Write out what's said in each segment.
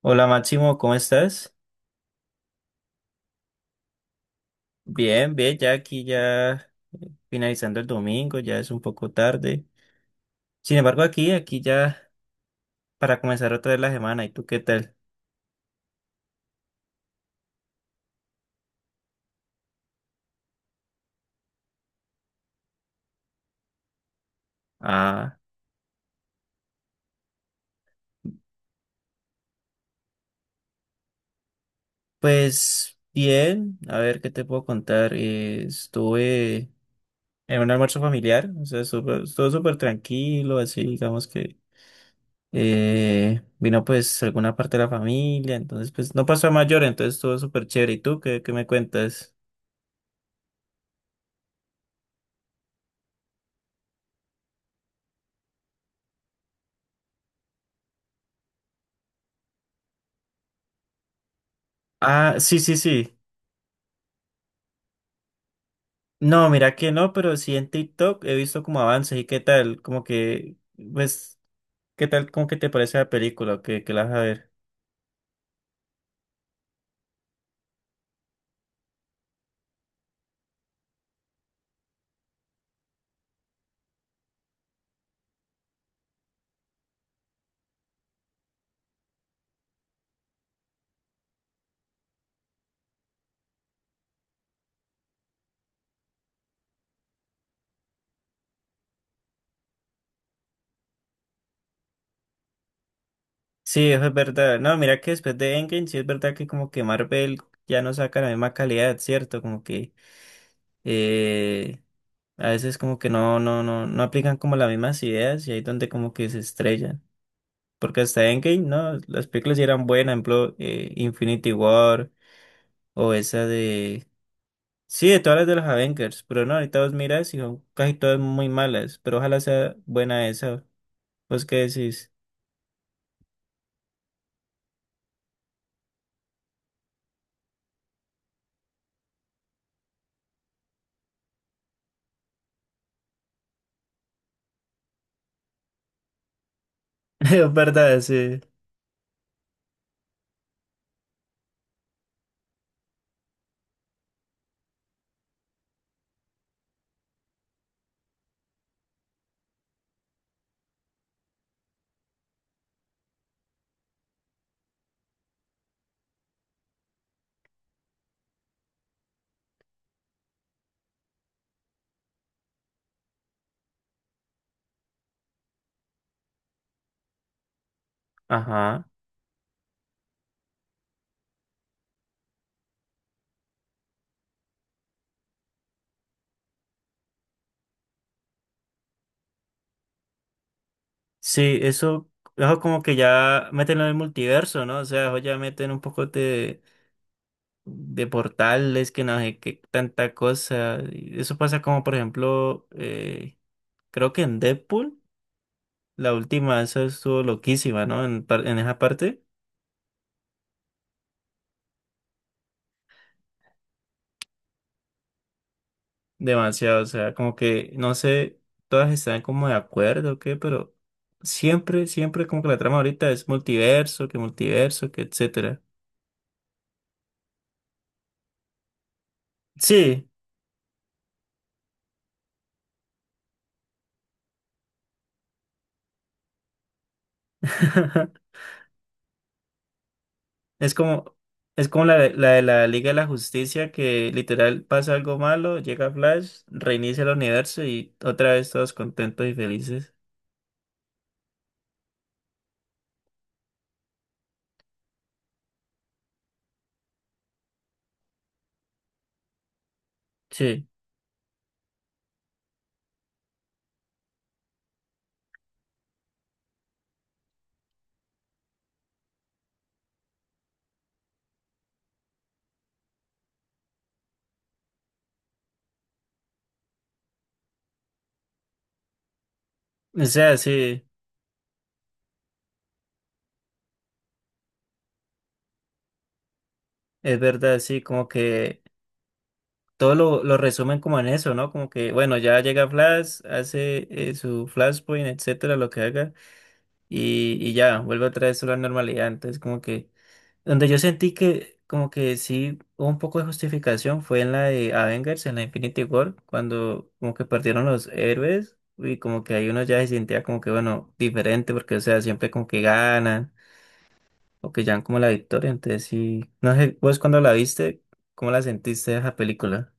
Hola Máximo, ¿cómo estás? Bien, bien, ya aquí ya finalizando el domingo, ya es un poco tarde. Sin embargo, aquí ya para comenzar otra vez la semana, ¿y tú qué tal? Ah, pues bien, a ver qué te puedo contar. Estuve en un almuerzo familiar, o sea, estuvo súper tranquilo, así digamos que vino pues alguna parte de la familia, entonces pues no pasó a mayor, entonces estuvo súper chévere. ¿Y tú qué me cuentas? Ah, sí, sí, sí. No, mira que no, pero sí en TikTok he visto como avances y qué tal, como que, pues, qué tal, como que te parece la película, que la vas a ver. Sí, eso es verdad. No, mira que después de Endgame, sí es verdad que como que Marvel ya no saca la misma calidad, ¿cierto? Como que eh, a veces como que no aplican como las mismas ideas y ahí es donde como que se estrellan. Porque hasta Endgame, no, las películas sí eran buenas, por ejemplo, Infinity War o esa de sí, de todas las de los Avengers, pero no, ahorita vos miras y son casi todas muy malas, pero ojalá sea buena esa. ¿Vos qué decís? Es verdad, sí. Ajá. Sí, eso como que ya meten en el multiverso, ¿no? O sea, eso ya meten un poco de portales, que no sé qué tanta cosa. Y eso pasa como, por ejemplo, creo que en Deadpool, la última, esa estuvo loquísima, ¿no? En, en esa parte. Demasiado, o sea, como que no sé, todas están como de acuerdo o qué, pero siempre, siempre como que la trama ahorita es multiverso, que etcétera. Sí, es como, es como la de la Liga de la Justicia que literal pasa algo malo, llega Flash, reinicia el universo y otra vez todos contentos y felices. Sí, o sea, sí, es verdad, sí, como que todo lo resumen como en eso, ¿no? Como que, bueno, ya llega Flash, hace su Flashpoint, etcétera, lo que haga, y ya, vuelve otra vez a la normalidad. Entonces, como que, donde yo sentí que, como que sí hubo un poco de justificación fue en la de Avengers, en la Infinity War, cuando como que perdieron los héroes, y como que ahí uno ya se sentía como que, bueno, diferente, porque, o sea, siempre como que ganan, o que llevan como la victoria. Entonces, sí, no sé, vos cuando la viste, ¿cómo la sentiste esa película?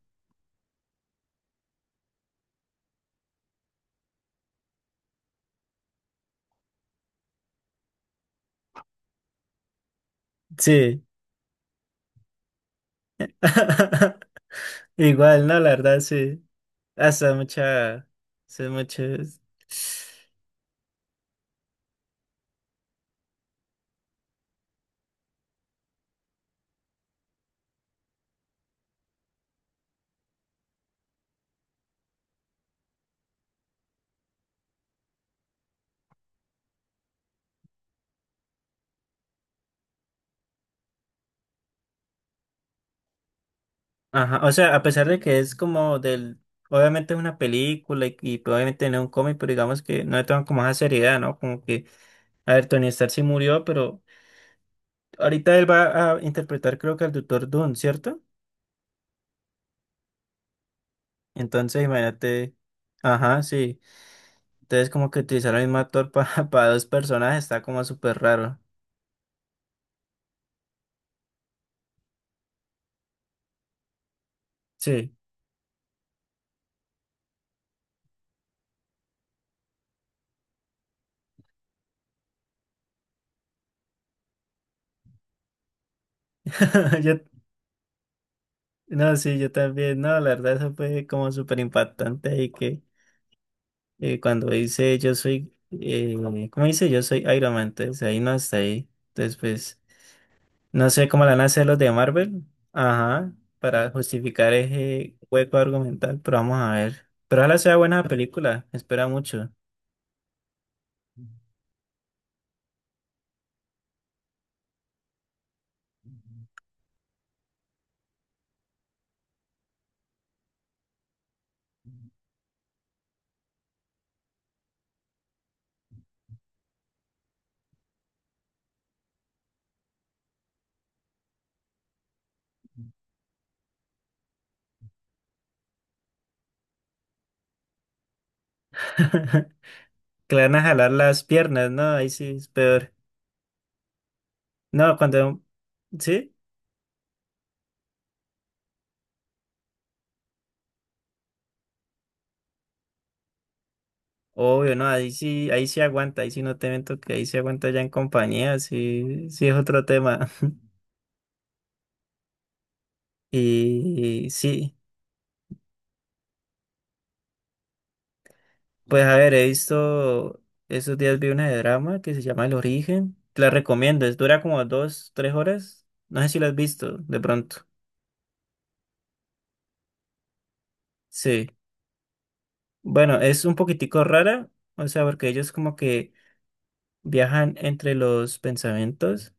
Sí. Igual, no, la verdad, sí. Hasta mucha. Hace muchas. Ajá. O sea, a pesar de que es como del. Obviamente es una película y probablemente no es un cómic, pero digamos que no le toman como esa seriedad, ¿no? Como que, a ver, Tony Stark sí murió, pero ahorita él va a interpretar, creo que al Doctor Doom, ¿cierto? Entonces, imagínate. Ajá, sí. Entonces, como que utilizar al mismo actor para dos personajes está como súper raro. Sí. Yo, no, sí, yo también, no, la verdad eso fue como súper impactante y que cuando dice yo soy, ¿cómo dice? Yo soy Iron Man, entonces ahí no está ahí. Entonces, pues, no sé cómo la van a hacer los de Marvel, ajá, para justificar ese hueco argumental, pero vamos a ver. Pero ojalá sea buena película, espera mucho. Que le van a jalar las piernas, ¿no? Ahí sí es peor. No, cuando, ¿sí? Obvio, no, ahí sí aguanta, ahí sí no te miento que ahí sí aguanta ya en compañía, sí, sí es otro tema. Y sí, pues a ver, he visto, esos días vi una de drama que se llama El Origen, te la recomiendo, es, dura como dos, tres horas, no sé si la has visto de pronto. Sí, bueno, es un poquitico rara, o sea, porque ellos como que viajan entre los pensamientos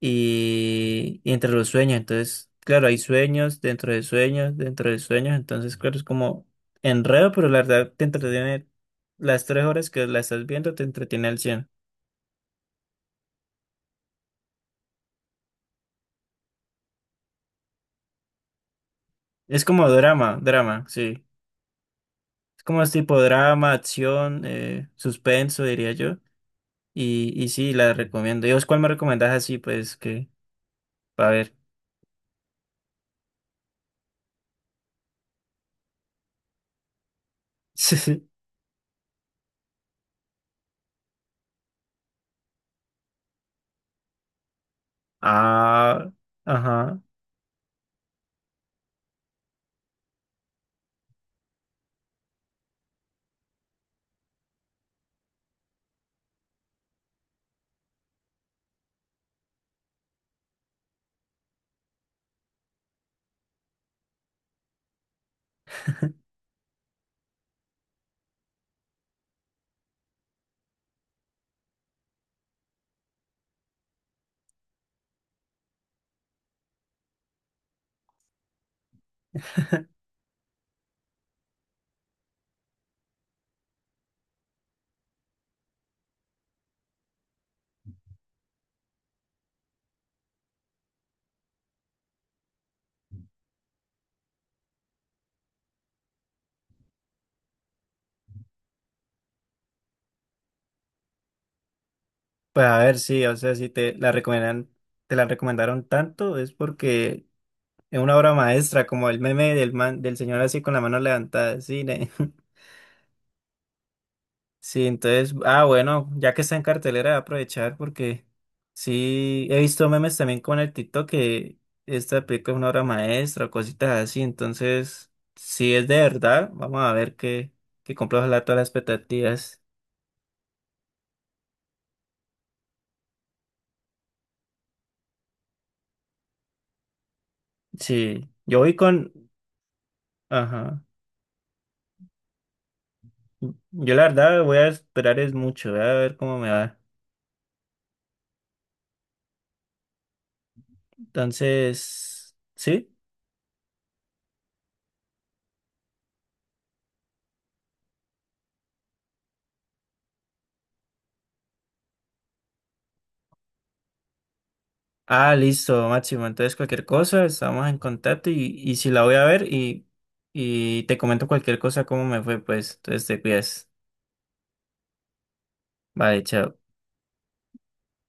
y entre los sueños. Entonces, claro, hay sueños dentro de sueños, dentro de sueños. Entonces, claro, es como enredo, pero la verdad te entretiene las tres horas que la estás viendo, te entretiene al cien. Es como drama, drama, sí. Es como es tipo drama, acción, suspenso, diría yo. Y sí, la recomiendo. ¿Y vos cuál me recomendás así? Pues que, a ver. Sí. Ah, ajá. Pues a ver, sí, o sea, si te la recomiendan, te la recomendaron tanto es porque es una obra maestra, como el meme del man, del señor así con la mano levantada, sí, Sí, entonces, ah, bueno, ya que está en cartelera, voy a aprovechar porque sí, he visto memes también con el TikTok que esta película es una obra maestra o cositas así, entonces, si es de verdad, vamos a ver que cumpla ojalá todas las expectativas. Sí, yo voy con, ajá, yo la verdad voy a esperar es mucho, voy a ver cómo me va. Entonces, sí. Ah, listo, Máximo. Entonces, cualquier cosa, estamos en contacto y si la voy a ver y te comento cualquier cosa, cómo me fue, pues. Entonces, te cuidas. Vale, chao.